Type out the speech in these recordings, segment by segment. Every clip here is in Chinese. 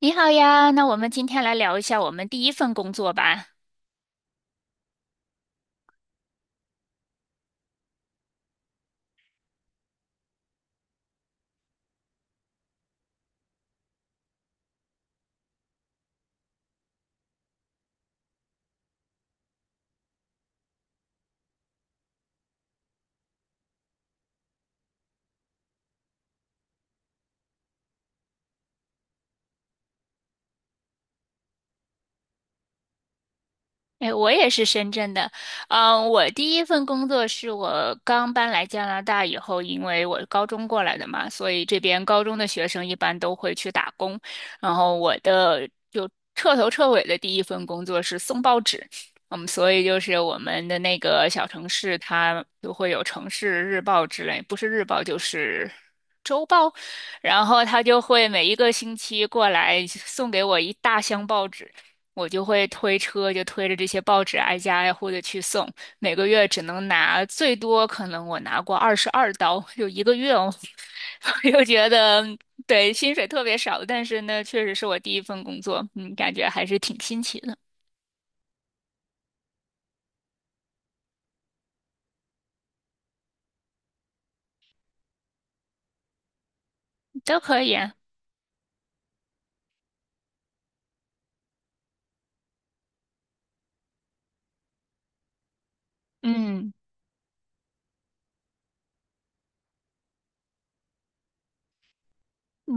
你好呀，那我们今天来聊一下我们第一份工作吧。哎，我也是深圳的。我第一份工作是我刚搬来加拿大以后，因为我高中过来的嘛，所以这边高中的学生一般都会去打工。然后我的就彻头彻尾的第一份工作是送报纸。所以就是我们的那个小城市，它都会有城市日报之类，不是日报就是周报。然后他就会每一个星期过来送给我一大箱报纸。我就会推车，就推着这些报纸挨家挨户的去送，每个月只能拿最多，可能我拿过22刀，就一个月哦。我又觉得对薪水特别少，但是呢，确实是我第一份工作，感觉还是挺新奇的，都可以啊。嗯。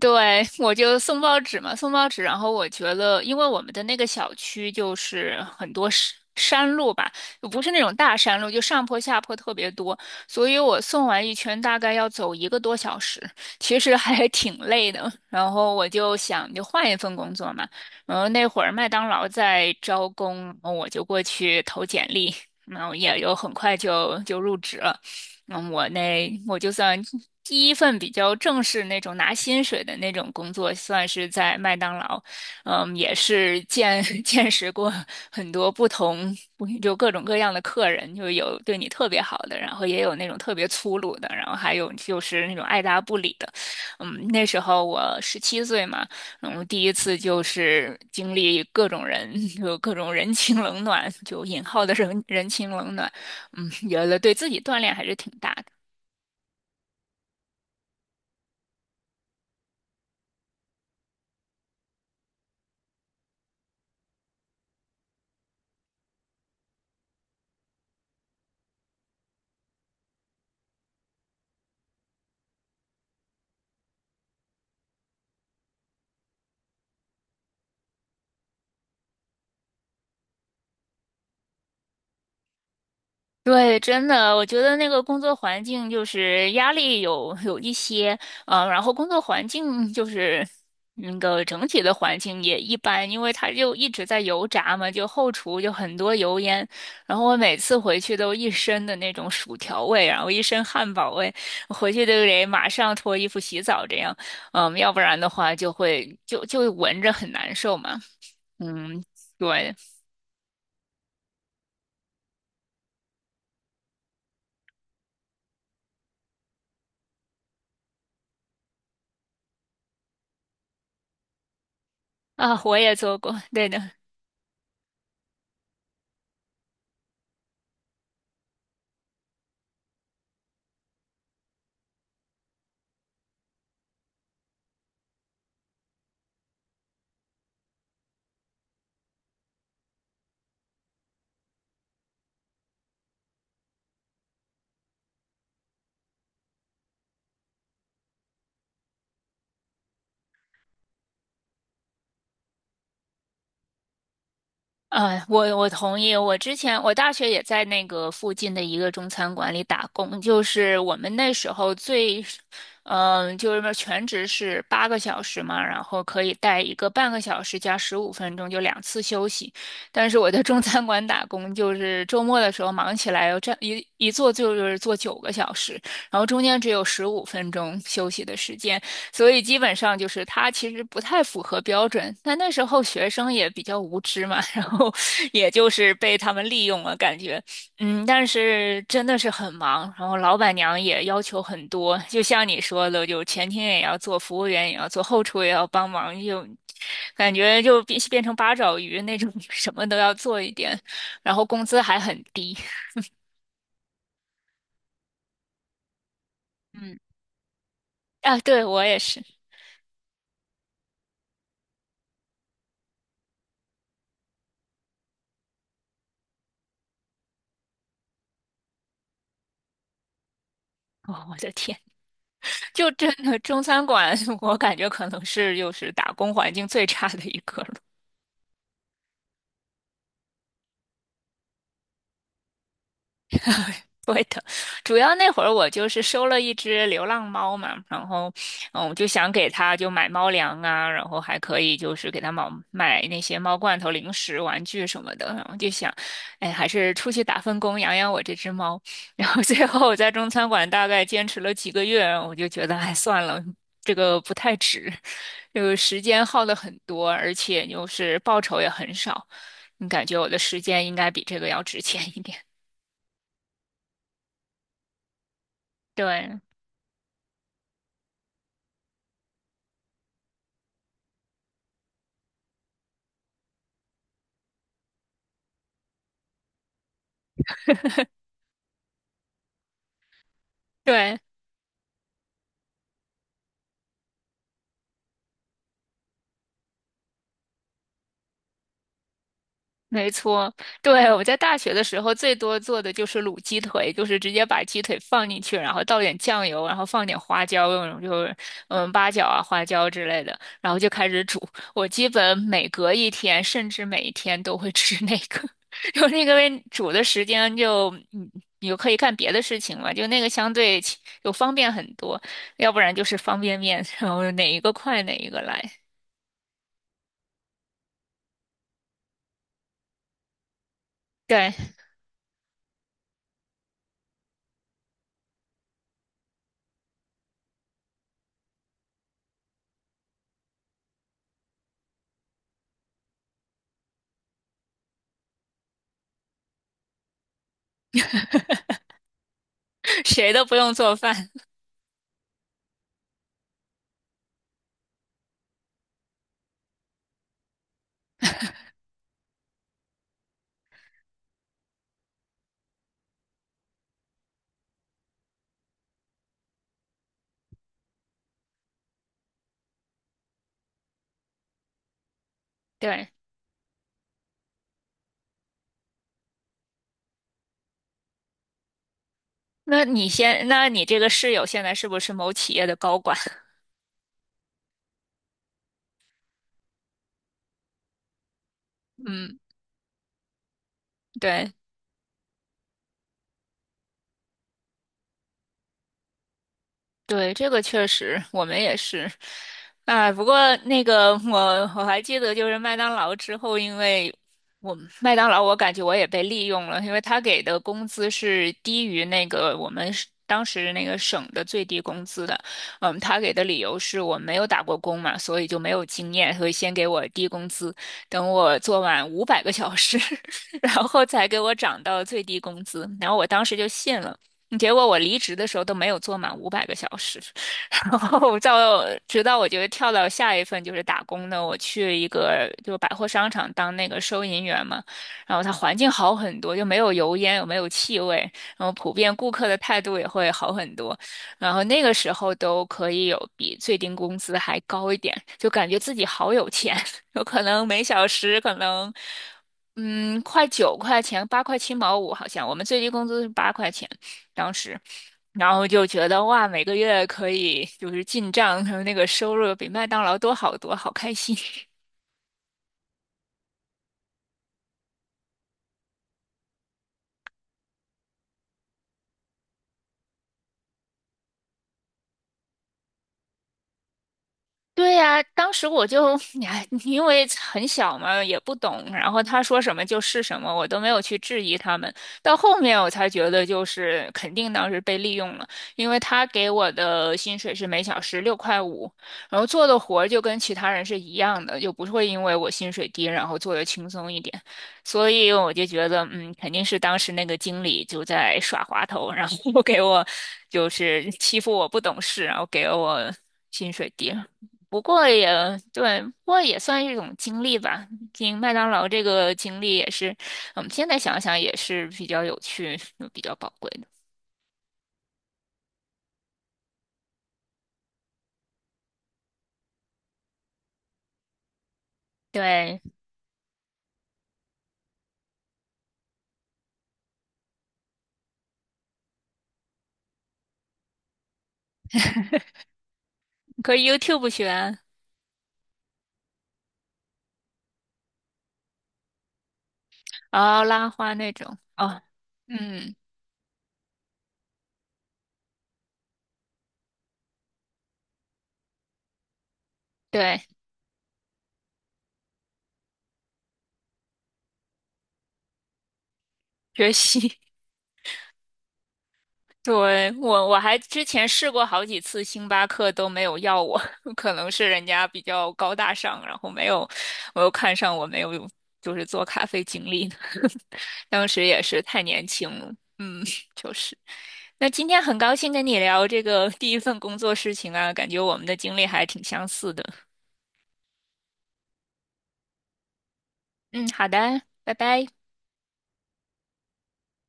对，我就送报纸嘛，送报纸。然后我觉得，因为我们的那个小区就是很多山山路吧，不是那种大山路，就上坡下坡特别多，所以我送完一圈大概要走一个多小时，其实还挺累的。然后我就想，就换一份工作嘛。然后那会儿麦当劳在招工，我就过去投简历，然后也就很快就入职了。那我就算第一份比较正式那种拿薪水的那种工作，算是在麦当劳，也是见 见识过很多不同，就各种各样的客人，就有对你特别好的，然后也有那种特别粗鲁的，然后还有就是那种爱答不理的。那时候我17岁嘛，然后第一次就是经历各种人，就各种人情冷暖，就引号的人 人情冷暖。原来对自己锻炼还是挺大的。对，真的，我觉得那个工作环境就是压力有一些，然后工作环境就是那个整体的环境也一般，因为它就一直在油炸嘛，就后厨就很多油烟，然后我每次回去都一身的那种薯条味，然后一身汉堡味，回去都得马上脱衣服洗澡这样，要不然的话就会就闻着很难受嘛。嗯，对。啊，我也做过，对的。啊，我同意。我之前我大学也在那个附近的一个中餐馆里打工，就是我们那时候最，就是全职是8个小时嘛，然后可以带一个半个小时加十五分钟，就两次休息。但是我在中餐馆打工，就是周末的时候忙起来，我这一坐就是坐9个小时，然后中间只有十五分钟休息的时间。所以基本上就是他其实不太符合标准。但那时候学生也比较无知嘛，然后也就是被他们利用了，感觉。但是真的是很忙，然后老板娘也要求很多，就像你说的，就前厅也要做，服务员也要做，后厨也要帮忙，就感觉就变成八爪鱼那种，什么都要做一点，然后工资还很低。嗯，啊，对，我也是。哦，我的天。就真的中餐馆，我感觉可能是又是打工环境最差的一个了。会的，主要那会儿我就是收了一只流浪猫嘛，然后，我就想给它就买猫粮啊，然后还可以就是给它买买那些猫罐头、零食、玩具什么的，然后就想，哎，还是出去打份工养养我这只猫。然后最后我在中餐馆大概坚持了几个月，我就觉得，哎，算了，这个不太值，就是时间耗的很多，而且就是报酬也很少，你感觉我的时间应该比这个要值钱一点，对。对，没错，对，我在大学的时候最多做的就是卤鸡腿，就是直接把鸡腿放进去，然后倒点酱油，然后放点花椒，那种就是八角啊、花椒之类的，然后就开始煮。我基本每隔一天，甚至每一天都会吃那个，因那个为煮的时间就你就可以干别的事情嘛，就那个相对起就方便很多，要不然就是方便面，然后哪一个快哪一个来，对，谁都不用做饭，对。那你这个室友现在是不是某企业的高管？嗯，对。对，这个确实，我们也是。哎，不过那个我还记得，就是麦当劳之后，因为我麦当劳，我感觉我也被利用了，因为他给的工资是低于那个我们是当时那个省的最低工资的。他给的理由是我没有打过工嘛，所以就没有经验，所以先给我低工资，等我做满五百个小时，然后才给我涨到最低工资。然后我当时就信了。结果我离职的时候都没有做满五百个小时，然后直到我觉得跳到下一份就是打工的，我去一个就百货商场当那个收银员嘛，然后它环境好很多，就没有油烟，也没有气味，然后普遍顾客的态度也会好很多，然后那个时候都可以有比最低工资还高一点，就感觉自己好有钱，有可能每小时可能。快9块钱，八块七毛五，好像我们最低工资是8块钱，当时，然后就觉得哇，每个月可以就是进账，还有那个收入比麦当劳多好多，好开心。对呀，当时我就，哎，因为很小嘛，也不懂，然后他说什么就是什么，我都没有去质疑他们。到后面我才觉得，就是肯定当时被利用了，因为他给我的薪水是每小时6块5，然后做的活儿就跟其他人是一样的，就不会因为我薪水低，然后做的轻松一点。所以我就觉得，肯定是当时那个经理就在耍滑头，然后 给我就是欺负我不懂事，然后给了我薪水低。不过也对，不过也算一种经历吧。经麦当劳这个经历也是，我们现在想想也是比较有趣、比较宝贵的。对，可以 YouTube 学，然后拉花那种。哦，嗯，对，学习。对，我还之前试过好几次，星巴克都没有要我，可能是人家比较高大上，然后没有我又看上我，没有就是做咖啡经历呢。当时也是太年轻了，就是。那今天很高兴跟你聊这个第一份工作事情啊，感觉我们的经历还挺相似的。嗯，好的，拜拜。